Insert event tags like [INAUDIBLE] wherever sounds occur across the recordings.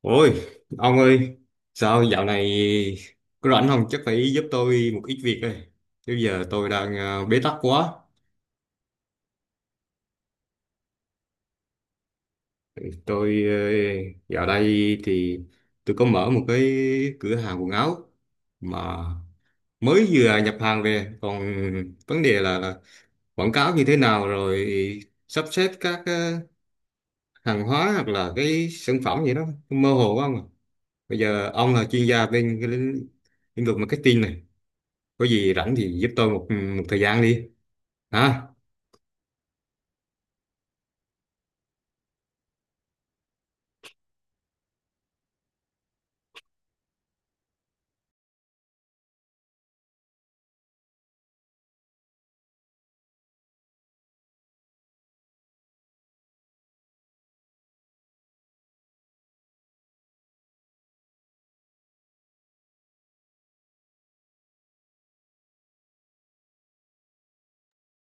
Ôi, ông ơi, sao dạo này có rảnh không? Chắc phải giúp tôi một ít việc đây. Chứ giờ tôi đang bế tắc quá. Ừ, tôi dạo đây thì tôi có mở một cái cửa hàng quần áo mà mới vừa nhập hàng về. Còn vấn đề là quảng cáo như thế nào, rồi sắp xếp các hàng hóa hoặc là cái sản phẩm gì đó mơ hồ quá không à. Bây giờ ông là chuyên gia bên cái lĩnh lĩnh vực marketing này, có gì rảnh thì giúp tôi một thời gian đi hả.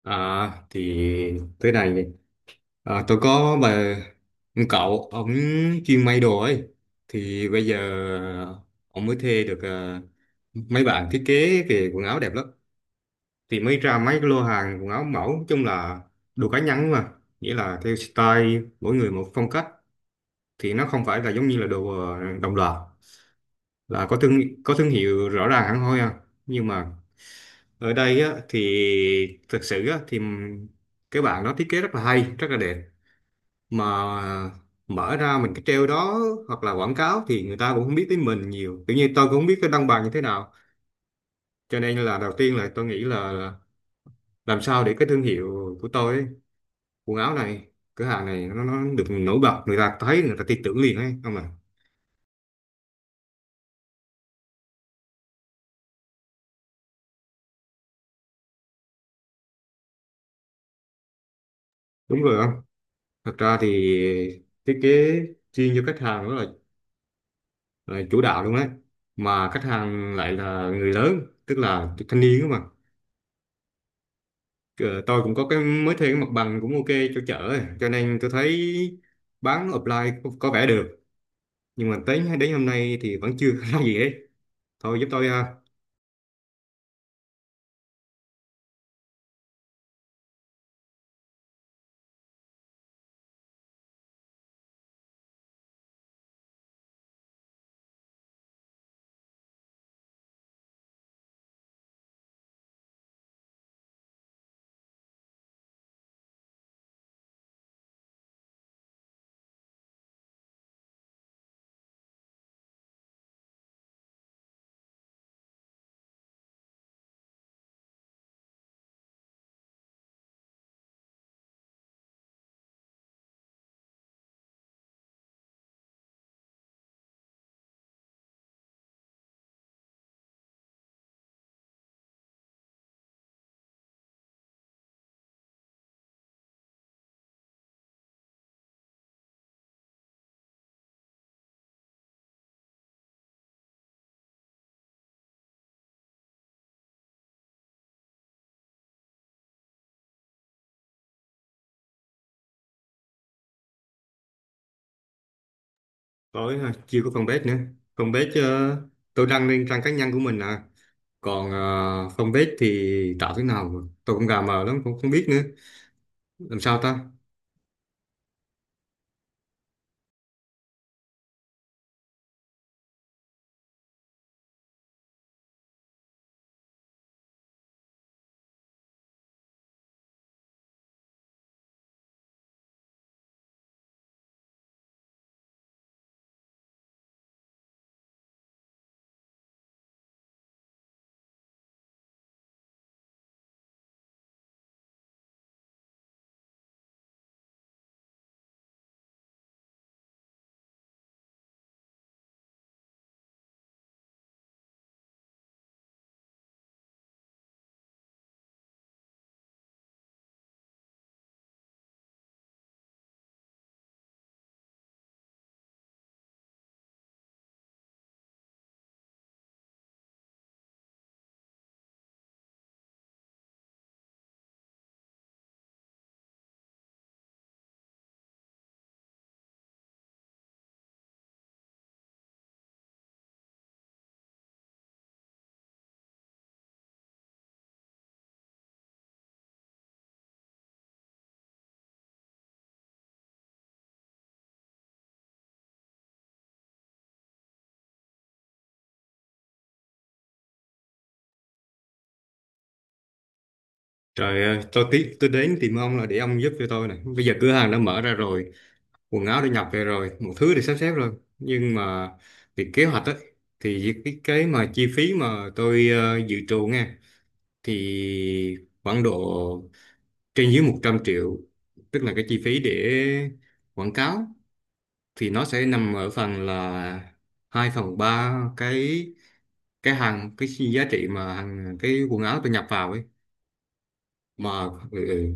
À, thì tới này, à, tôi có bà một cậu ông chuyên may đồ ấy, thì bây giờ ông mới thuê được, à, mấy bạn thiết kế về quần áo đẹp lắm, thì mới ra mấy cái lô hàng quần áo mẫu. Nói chung là đồ cá nhân mà, nghĩa là theo style mỗi người một phong cách, thì nó không phải là giống như là đồ đồng loạt, là có thương hiệu rõ ràng hẳn hoi à. Nhưng mà ở đây á, thì thực sự á, thì cái bạn nó thiết kế rất là hay rất là đẹp, mà mở ra mình cái treo đó hoặc là quảng cáo thì người ta cũng không biết tới mình nhiều. Tự nhiên tôi cũng không biết cái đăng bài như thế nào, cho nên là đầu tiên là tôi nghĩ là làm sao để cái thương hiệu của tôi ấy, quần áo này, cửa hàng này, nó được nổi bật, người ta thấy, người ta tin tưởng liền ấy không à. Đúng rồi không, thật ra thì thiết kế chuyên cho khách hàng đó là ờ, chủ đạo luôn đấy, mà khách hàng lại là người lớn, tức là thanh niên đó mà. Ờ, tôi cũng có cái mới thuê cái mặt bằng cũng ok cho chợ ấy. Cho nên tôi thấy bán offline có vẻ được, nhưng mà tới đến hôm nay thì vẫn chưa [LAUGHS] ra gì hết. Thôi giúp tôi ha. Tôi ha, chưa có fanpage nữa. Fanpage tôi đăng lên trang cá nhân của mình à, còn fanpage thì tạo thế nào mà tôi cũng gà mờ lắm cũng không biết nữa, làm sao ta. Trời ơi, tôi tí tôi đến tìm ông là để ông giúp cho tôi này, bây giờ cửa hàng đã mở ra rồi, quần áo đã nhập về rồi, một thứ để sắp xếp rồi, nhưng mà việc kế hoạch ấy, thì cái mà chi phí mà tôi dự trù nghe, thì khoảng độ trên dưới 100 triệu, tức là cái chi phí để quảng cáo thì nó sẽ nằm ở phần là 2/3 cái hàng cái giá trị mà hàng cái quần áo tôi nhập vào ấy mà. Ừ, ừ.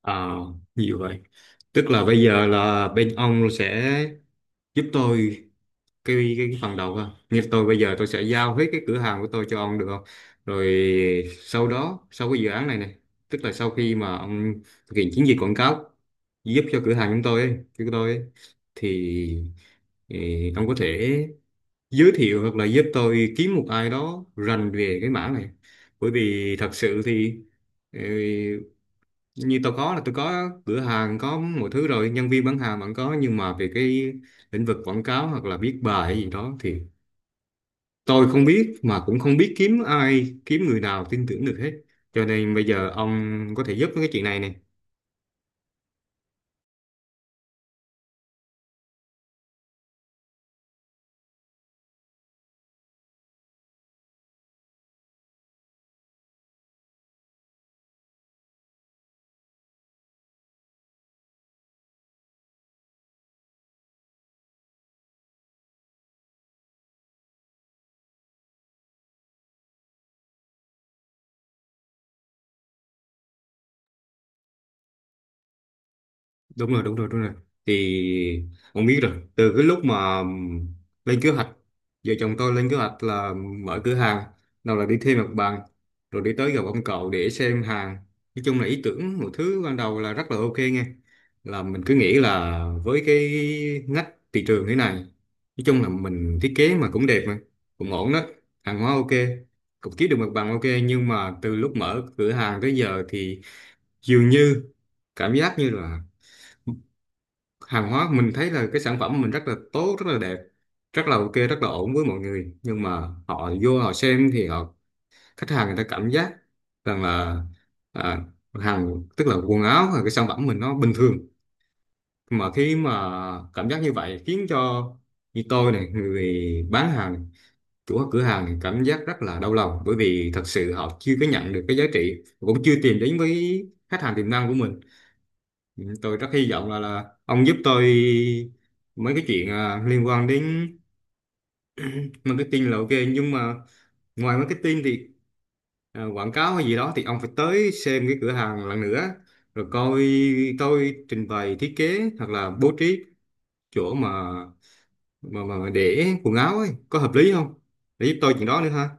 À, nhiều vậy. Tức là bây giờ là bên ông sẽ giúp tôi cái phần đầu ha. Như tôi bây giờ tôi sẽ giao hết cái cửa hàng của tôi cho ông được không? Rồi sau đó sau cái dự án này này, tức là sau khi mà ông thực hiện chiến dịch quảng cáo giúp cho cửa hàng chúng tôi ấy, của tôi ấy, thì ì, ông có thể giới thiệu hoặc là giúp tôi kiếm một ai đó rành về cái mảng này. Bởi vì thật sự thì ừ, như tôi có là tôi có cửa hàng có mọi thứ rồi, nhân viên bán hàng vẫn có, nhưng mà về cái lĩnh vực quảng cáo hoặc là viết bài hay gì đó thì tôi không biết, mà cũng không biết kiếm ai, kiếm người nào tin tưởng được hết. Cho nên bây giờ ông có thể giúp với cái chuyện này nè. Đúng rồi, đúng rồi, đúng rồi. Thì ông biết rồi, từ cái lúc mà lên kế hoạch, vợ chồng tôi lên kế hoạch là mở cửa hàng, nào là đi thuê mặt bằng, rồi đi tới gặp ông cậu để xem hàng. Nói chung là ý tưởng một thứ ban đầu là rất là ok nghe, là mình cứ nghĩ là với cái ngách thị trường thế này, nói chung là mình thiết kế mà cũng đẹp mà cũng ổn đó, hàng hóa ok, cũng kiếm được mặt bằng ok. Nhưng mà từ lúc mở cửa hàng tới giờ thì dường như cảm giác như là hàng hóa mình thấy là cái sản phẩm mình rất là tốt, rất là đẹp, rất là ok, rất là ổn với mọi người, nhưng mà họ vô họ xem thì họ, khách hàng người ta cảm giác rằng là à, hàng tức là quần áo hay cái sản phẩm mình nó bình thường. Mà khi mà cảm giác như vậy khiến cho như tôi này, người bán hàng này, chủ cửa hàng này, cảm giác rất là đau lòng, bởi vì thật sự họ chưa có nhận được cái giá trị, cũng chưa tìm đến với khách hàng tiềm năng của mình. Ừ, tôi rất hy vọng là ông giúp tôi mấy cái chuyện liên quan đến marketing là ok, nhưng mà ngoài marketing thì quảng cáo hay gì đó thì ông phải tới xem cái cửa hàng lần nữa, rồi coi tôi trình bày thiết kế hoặc là bố trí chỗ mà để quần áo ấy có hợp lý không, để giúp tôi chuyện đó nữa ha.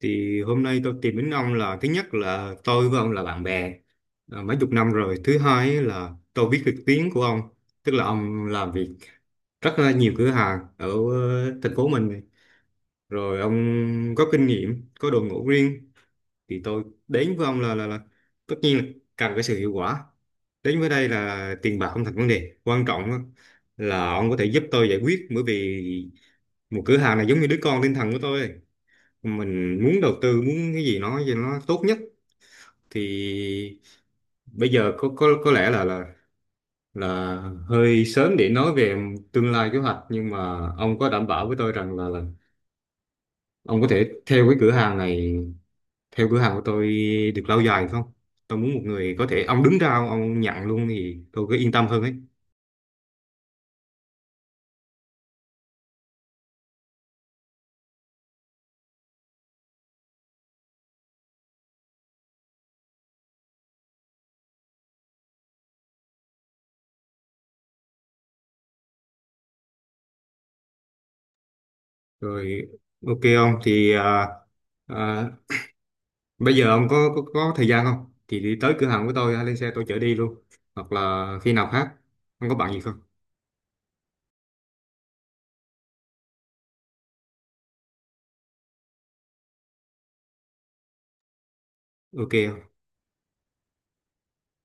Thì hôm nay tôi tìm đến ông là thứ nhất là tôi với ông là bạn bè à, mấy chục năm rồi. Thứ hai ấy là tôi biết được tiếng của ông, tức là ông làm việc rất là nhiều cửa hàng ở thành phố mình này. Rồi ông có kinh nghiệm, có đội ngũ riêng, thì tôi đến với ông là tất nhiên là cần cái sự hiệu quả. Đến với đây là tiền bạc không thành vấn đề, quan trọng á là ông có thể giúp tôi giải quyết, bởi vì một cửa hàng này giống như đứa con tinh thần của tôi, mình muốn đầu tư muốn cái gì nó cho nó tốt nhất. Thì bây giờ có lẽ là hơi sớm để nói về tương lai kế hoạch, nhưng mà ông có đảm bảo với tôi rằng là ông có thể theo cái cửa hàng này, theo cửa hàng của tôi được lâu dài không? Tôi muốn một người có thể ông đứng ra ông nhận luôn thì tôi cứ yên tâm hơn ấy. Rồi ok ông thì à, bây giờ ông có thời gian không? Thì đi tới cửa hàng của tôi, lên xe tôi chở đi luôn. Hoặc là khi nào khác, ông có bạn gì không? Ok.